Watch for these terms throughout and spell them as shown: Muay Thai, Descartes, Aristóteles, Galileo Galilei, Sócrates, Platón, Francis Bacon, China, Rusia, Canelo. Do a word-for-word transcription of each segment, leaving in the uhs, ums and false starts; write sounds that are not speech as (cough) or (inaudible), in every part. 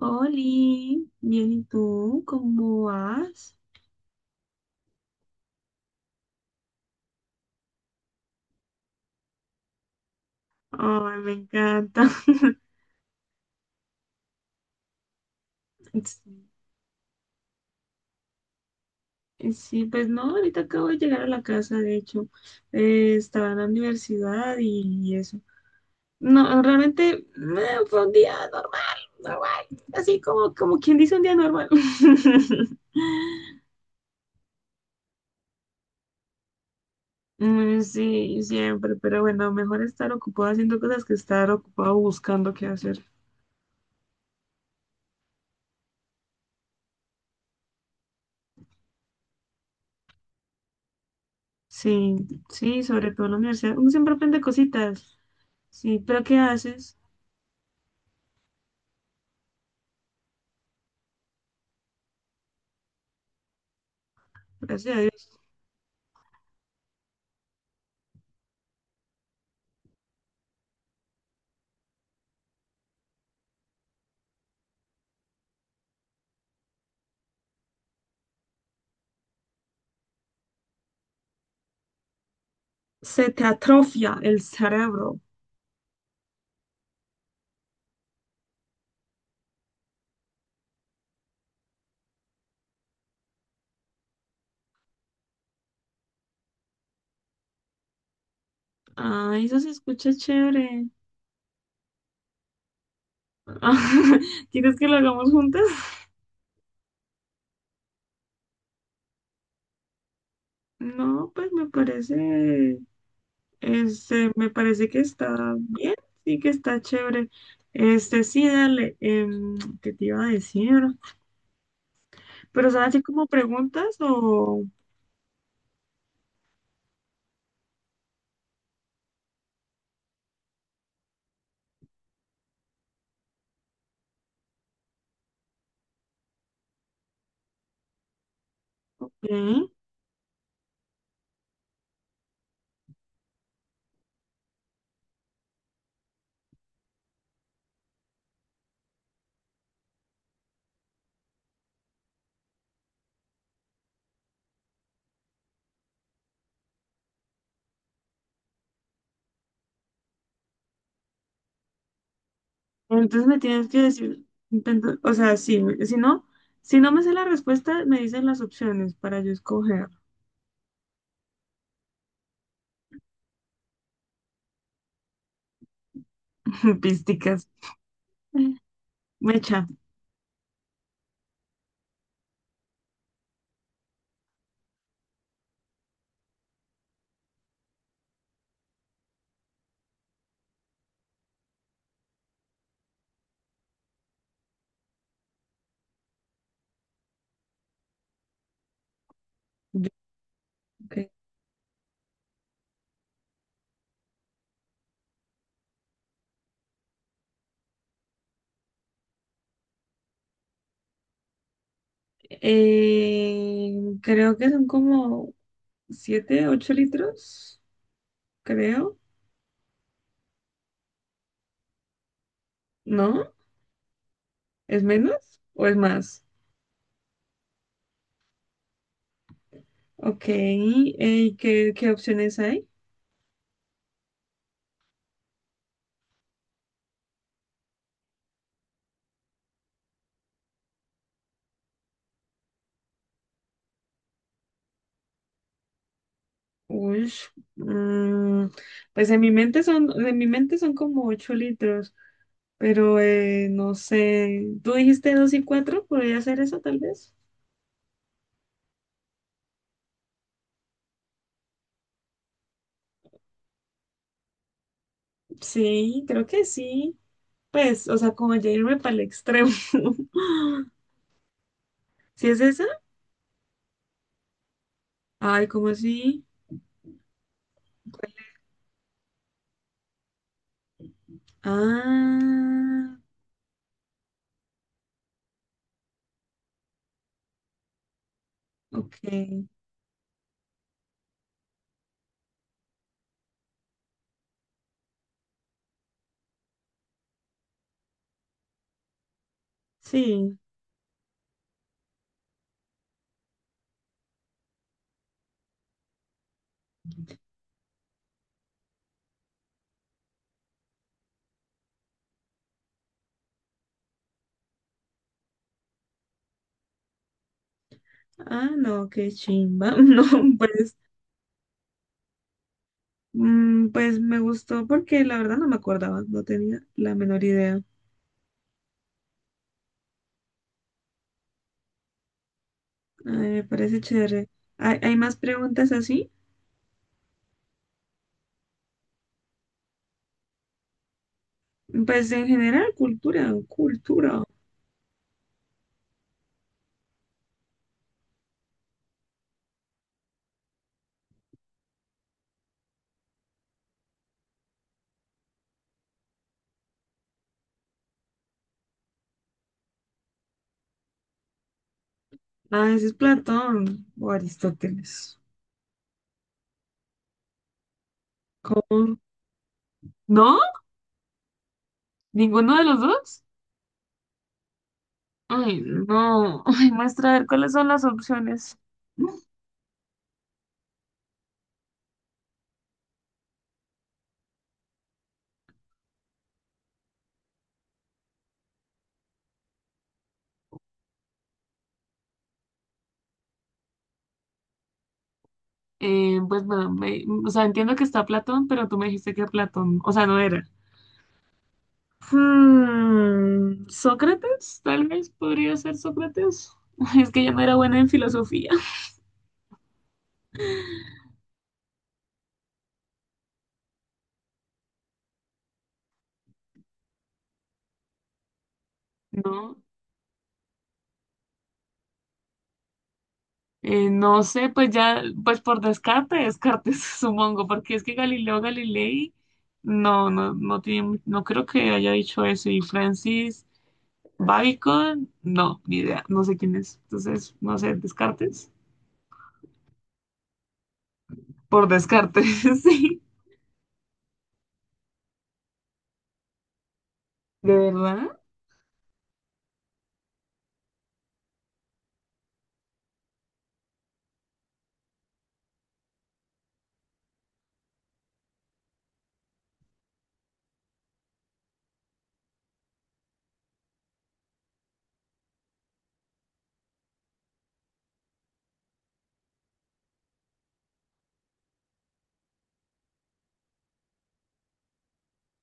Oli, bien, ¿y tú? ¿Cómo vas? Ay, me encanta. (laughs) Sí, sí, pues no, ahorita acabo de llegar a la casa, de hecho. Eh, estaba en la universidad y, eso. No, realmente eh, fue un día normal, normal, así como, como quien dice un día normal. (laughs) Mm, sí, siempre, pero bueno, mejor estar ocupado haciendo cosas que estar ocupado buscando qué hacer. Sí, sí, sobre todo en la universidad. Uno siempre aprende cositas. Sí, pero ¿qué haces? Gracias a Dios. Se te atrofia el cerebro. Ay, eso se escucha chévere. (laughs) ¿Quieres que lo hagamos juntas? No, pues me parece, este, me parece que está bien, sí que está chévere. Este, sí, dale, em, ¿qué te iba a decir? Pero son así como preguntas o... Ok, entonces me tienes que decir, intento, o sea, sí, si no, si no me sé la respuesta, me dicen las opciones para yo escoger. (laughs) Písticas. Mecha. Yo- ok. Eh, Creo que son como siete ocho litros, creo. ¿No? ¿Es menos o es más? Ok. eh, ¿qué, qué opciones hay? Uy, mm, pues en mi mente son, en mi mente son como ocho litros, pero eh, no sé. ¿Tú dijiste dos y cuatro? ¿Podría ser eso tal vez? Sí, creo que sí. Pues, o sea, como ya irme para el extremo. (laughs) ¿Sí es esa? Ay, ¿cómo así? Ah, ok. Sí. Ah, no, qué chimba. (laughs) No, pues, mm, pues me gustó porque la verdad no me acordaba, no tenía la menor idea. Ay, me parece chévere. ¿Hay, hay más preguntas así? Pues en general, cultura, cultura. Ah, ese es Platón o Aristóteles. ¿Cómo? ¿No? ¿Ninguno de los dos? Ay, no. (laughs) Ay, muestra a ver cuáles son las opciones. Eh, pues bueno, me- o sea, entiendo que está Platón, pero tú me dijiste que Platón, o sea, no era. Hmm, Sócrates, tal vez podría ser Sócrates. (laughs) Es que yo no era buena en filosofía. No, eh, no sé, pues ya, pues por descarte, descartes, (laughs) supongo, porque es que Galileo Galilei, no, no, no tiene, no creo que haya dicho eso. Y Francis Bacon, no, ni idea, no sé quién es. Entonces, no sé, descartes. Por descarte, (laughs) sí, de verdad.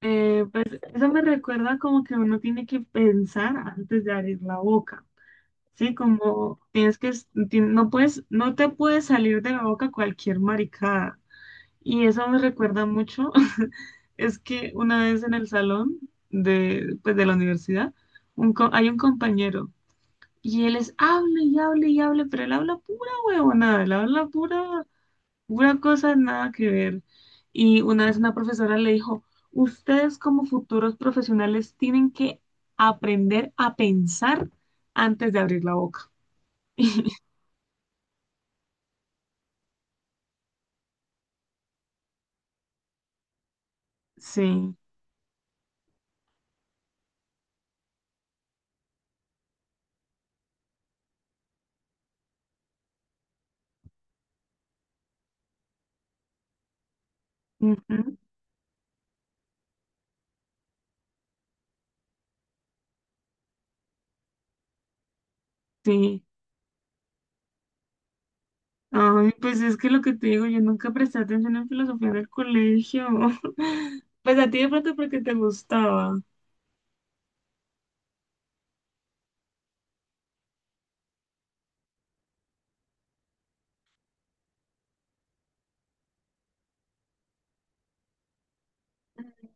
Eh, pues eso me recuerda como que uno tiene que pensar antes de abrir la boca, ¿sí? Como tienes que, es- ti- no puedes, no te puede salir de la boca cualquier maricada. Y eso me recuerda mucho, (laughs) es que una vez en el salón de, pues, de la universidad, un co- hay un compañero y él es, hable y hable y hable, pero él habla pura huevonada, él habla pura una cosa nada que ver. Y una vez una profesora le dijo, ustedes como futuros profesionales tienen que aprender a pensar antes de abrir la boca. (laughs) Sí, ujú, sí. Ay, pues es que lo que te digo, yo nunca presté atención en filosofía en el colegio. (laughs) Pues a ti de pronto porque te gustaba.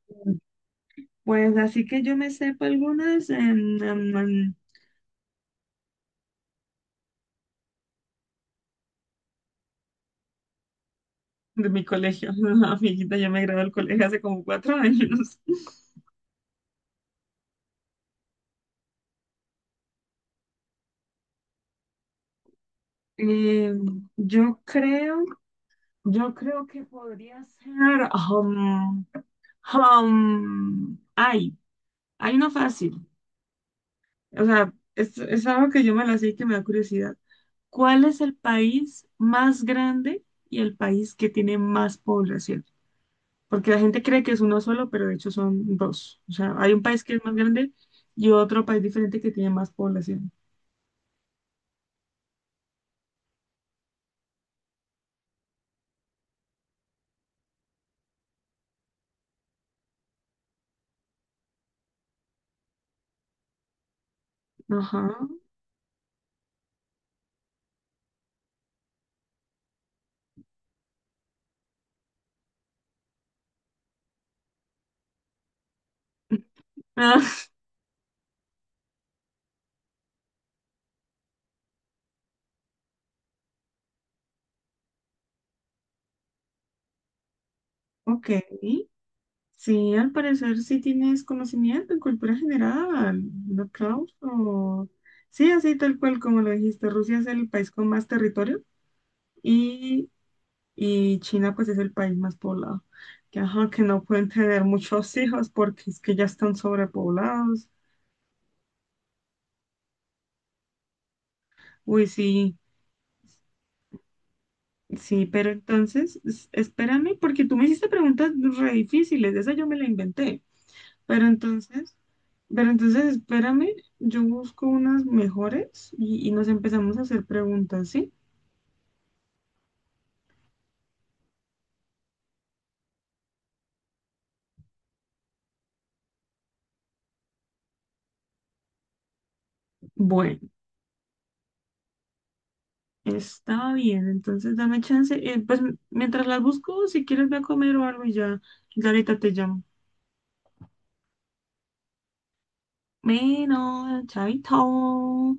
Mm, Pues así que yo me sepa algunas em, em, em, de mi colegio. (laughs) Amiguita, ya me gradué del colegio hace como cuatro años. Eh, yo creo, yo creo que podría ser, um, um, ay, hay una fácil, o sea, es, es algo que yo me la sé y que me da curiosidad. ¿Cuál es el país más grande y el país que tiene más población? Porque la gente cree que es uno solo, pero de hecho son dos. O sea, hay un país que es más grande y otro país diferente que tiene más población. Ajá. (laughs) Ah, ok. Sí, al parecer sí tienes conocimiento en cultura general. Un aplauso. Sí, así tal cual como lo dijiste, Rusia es el país con más territorio y, y China pues es el país más poblado. Que, ajá, que no pueden tener muchos (laughs) hijos porque es que ya están sobrepoblados. Uy, sí, sí, pero entonces es- espérame porque tú me hiciste preguntas re difíciles, esa yo me la inventé. Pero entonces... Pero entonces espérame, yo busco unas mejores y, y nos empezamos a hacer preguntas, ¿sí? Bueno, está bien, entonces dame chance. Eh, pues m- mientras las busco, si quieres ve a comer o algo y ya, ya ahorita te llamo. Bueno, chaito.